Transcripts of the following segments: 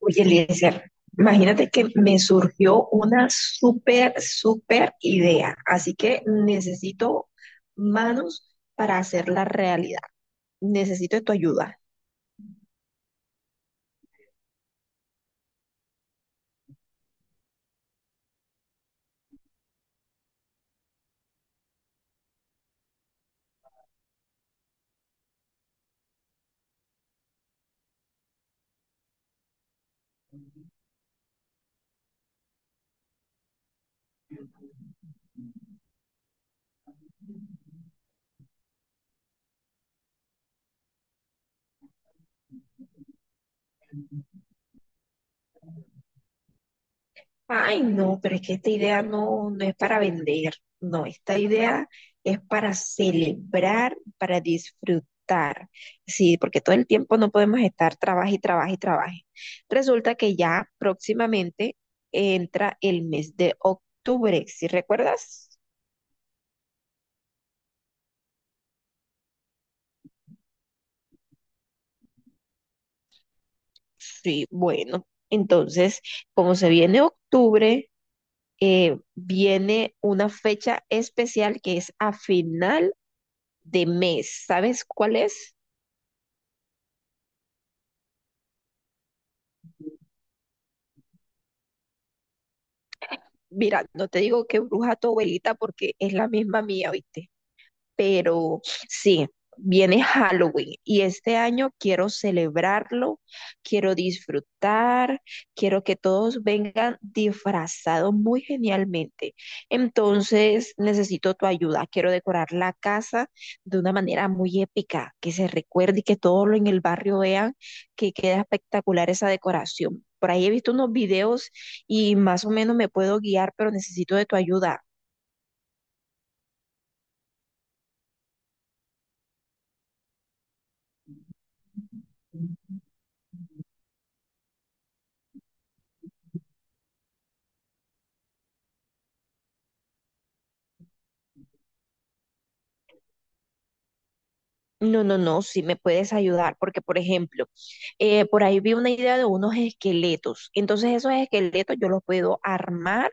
Oye, Eliezer, imagínate que me surgió una súper idea, así que necesito manos para hacerla realidad. Necesito tu ayuda. Ay, no, pero es que esta idea no es para vender, no, esta idea es para celebrar, para disfrutar, sí, porque todo el tiempo no podemos estar trabaje y trabaje y trabaje. Resulta que ya próximamente entra el mes de octubre, ¿sí recuerdas? Sí, bueno, entonces, como se viene octubre, viene una fecha especial que es a final de mes, ¿sabes cuál es? Mira, no te digo que bruja tu abuelita porque es la misma mía, ¿viste? Pero sí, viene Halloween y este año quiero celebrarlo, quiero disfrutar, quiero que todos vengan disfrazados muy genialmente. Entonces necesito tu ayuda, quiero decorar la casa de una manera muy épica, que se recuerde y que todos en el barrio vean que queda espectacular esa decoración. Por ahí he visto unos videos y más o menos me puedo guiar, pero necesito de tu ayuda. No, no, no, sí me puedes ayudar, porque por ejemplo, por ahí vi una idea de unos esqueletos. Entonces esos esqueletos yo los puedo armar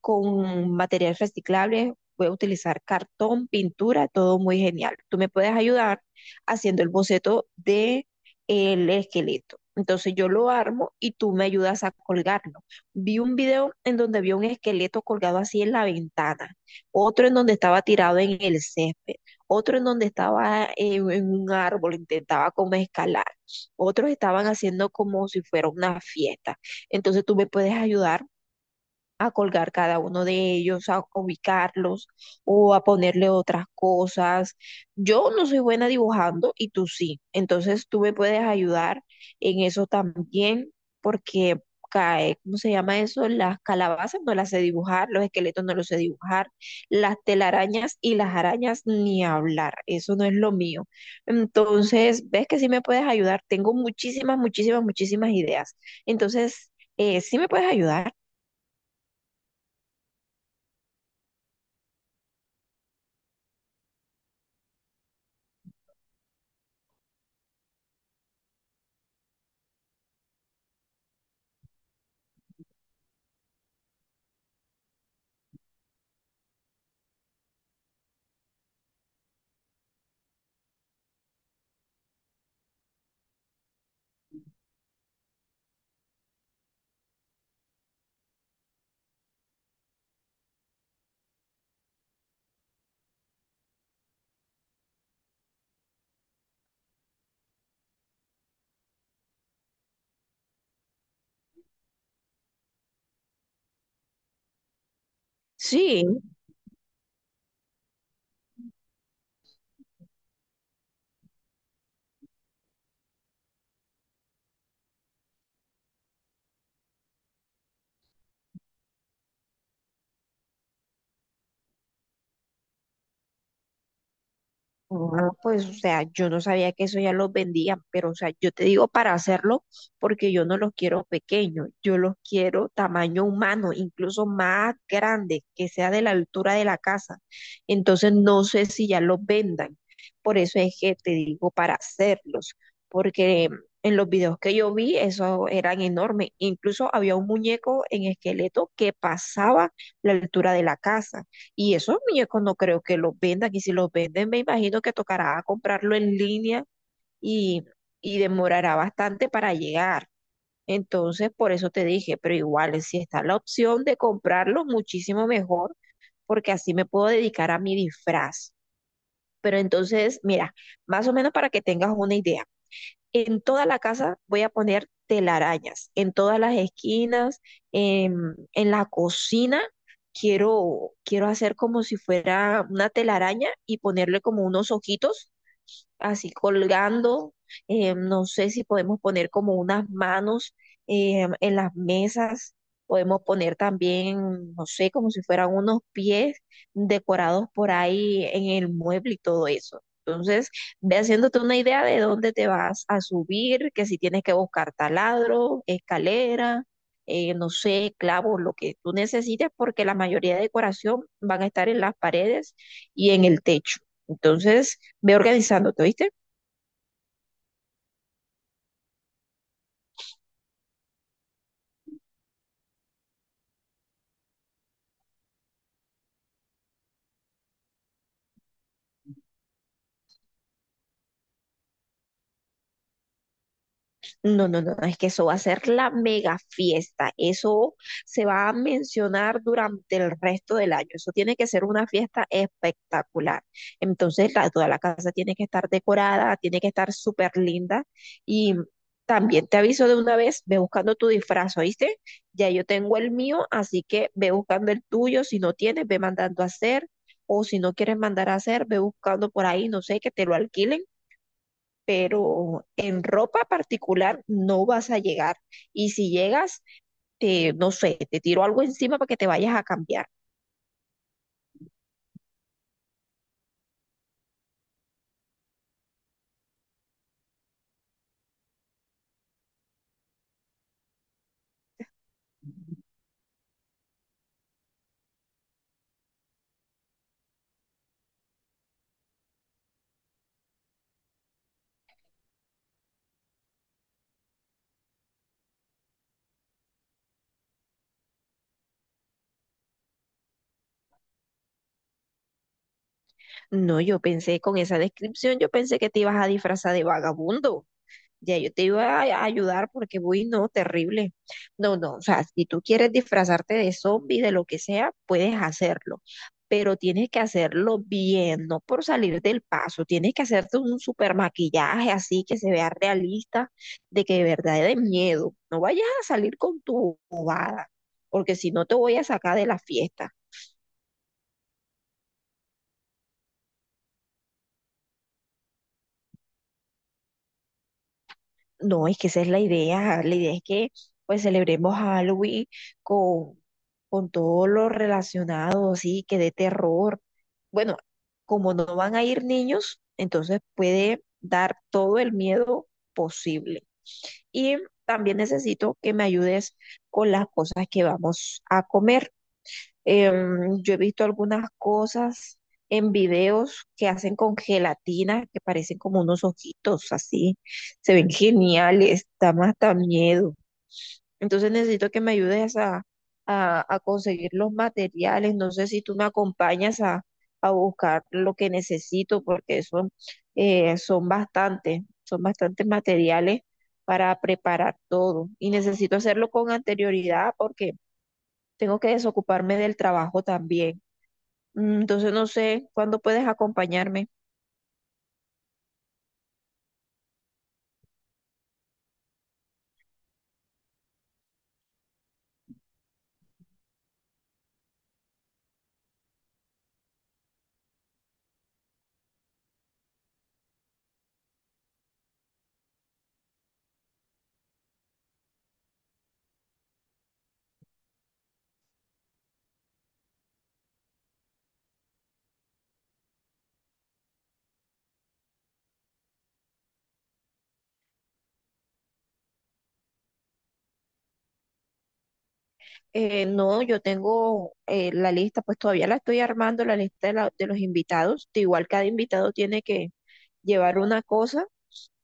con material reciclable, voy a utilizar cartón, pintura, todo muy genial. Tú me puedes ayudar haciendo el boceto de el esqueleto. Entonces yo lo armo y tú me ayudas a colgarlo. Vi un video en donde vi un esqueleto colgado así en la ventana, otro en donde estaba tirado en el césped, otro en donde estaba en un árbol, intentaba como escalar, otros estaban haciendo como si fuera una fiesta. Entonces tú me puedes ayudar a colgar cada uno de ellos, a ubicarlos o a ponerle otras cosas. Yo no soy buena dibujando y tú sí. Entonces tú me puedes ayudar en eso también porque cae, ¿cómo se llama eso? Las calabazas no las sé dibujar, los esqueletos no los sé dibujar, las telarañas y las arañas ni hablar. Eso no es lo mío. Entonces, ves que sí me puedes ayudar. Tengo muchísimas ideas. Entonces, sí me puedes ayudar. Sí. Ah, pues, o sea, yo no sabía que eso ya los vendían, pero, o sea, yo te digo para hacerlo porque yo no los quiero pequeños, yo los quiero tamaño humano, incluso más grande, que sea de la altura de la casa. Entonces, no sé si ya los vendan. Por eso es que te digo para hacerlos, porque en los videos que yo vi, eso eran enormes. Incluso había un muñeco en esqueleto que pasaba la altura de la casa. Y esos muñecos no creo que los vendan. Y si los venden, me imagino que tocará comprarlo en línea y, y demorará bastante para llegar. Entonces, por eso te dije, pero igual, si está la opción de comprarlo, muchísimo mejor, porque así me puedo dedicar a mi disfraz. Pero entonces, mira, más o menos para que tengas una idea. En toda la casa voy a poner telarañas, en todas las esquinas, en la cocina. Quiero hacer como si fuera una telaraña y ponerle como unos ojitos así colgando. No sé si podemos poner como unas manos en las mesas. Podemos poner también, no sé, como si fueran unos pies decorados por ahí en el mueble y todo eso. Entonces, ve haciéndote una idea de dónde te vas a subir, que si tienes que buscar taladro, escalera, no sé, clavos, lo que tú necesites, porque la mayoría de decoración van a estar en las paredes y en el techo. Entonces, ve organizándote, ¿oíste? No, no, no, es que eso va a ser la mega fiesta. Eso se va a mencionar durante el resto del año. Eso tiene que ser una fiesta espectacular. Entonces, toda la casa tiene que estar decorada, tiene que estar súper linda. Y también te aviso de una vez, ve buscando tu disfraz, ¿oíste? Ya yo tengo el mío, así que ve buscando el tuyo. Si no tienes, ve mandando a hacer. O si no quieres mandar a hacer, ve buscando por ahí, no sé, que te lo alquilen, pero en ropa particular no vas a llegar. Y si llegas, no sé, te tiro algo encima para que te vayas a cambiar. No, yo pensé con esa descripción, yo pensé que te ibas a disfrazar de vagabundo. Ya yo te iba a ayudar porque, uy, no, terrible. No, no, o sea, si tú quieres disfrazarte de zombie, de lo que sea, puedes hacerlo, pero tienes que hacerlo bien, no por salir del paso. Tienes que hacerte un super maquillaje así que se vea realista, de que de verdad de miedo. No vayas a salir con tu bobada, porque si no te voy a sacar de la fiesta. No, es que esa es la idea. La idea es que pues celebremos Halloween con, con todo lo relacionado, así que de terror. Bueno, como no van a ir niños, entonces puede dar todo el miedo posible. Y también necesito que me ayudes con las cosas que vamos a comer. Yo he visto algunas cosas en videos que hacen con gelatina, que parecen como unos ojitos así. Se ven geniales, da más hasta miedo. Entonces necesito que me ayudes a, a conseguir los materiales. No sé si tú me acompañas a buscar lo que necesito, porque eso son bastantes materiales para preparar todo. Y necesito hacerlo con anterioridad porque tengo que desocuparme del trabajo también. Entonces no sé cuándo puedes acompañarme. No, yo tengo la lista, pues todavía la estoy armando, la lista de, de los invitados. De igual cada invitado tiene que llevar una cosa,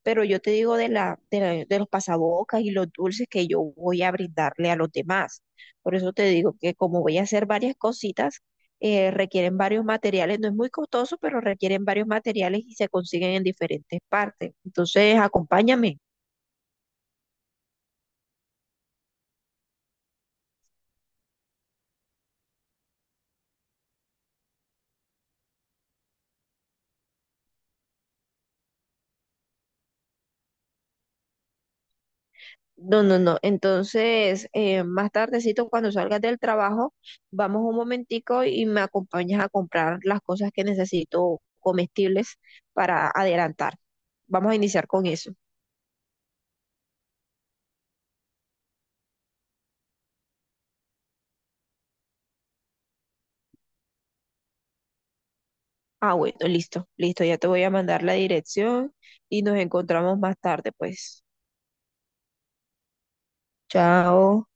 pero yo te digo de la, de los pasabocas y los dulces que yo voy a brindarle a los demás. Por eso te digo que como voy a hacer varias cositas, requieren varios materiales. No es muy costoso, pero requieren varios materiales y se consiguen en diferentes partes. Entonces, acompáñame. No, no, no. Entonces, más tardecito, cuando salgas del trabajo, vamos un momentico y me acompañas a comprar las cosas que necesito comestibles para adelantar. Vamos a iniciar con eso. Ah, bueno, listo, listo. Ya te voy a mandar la dirección y nos encontramos más tarde, pues. Chao.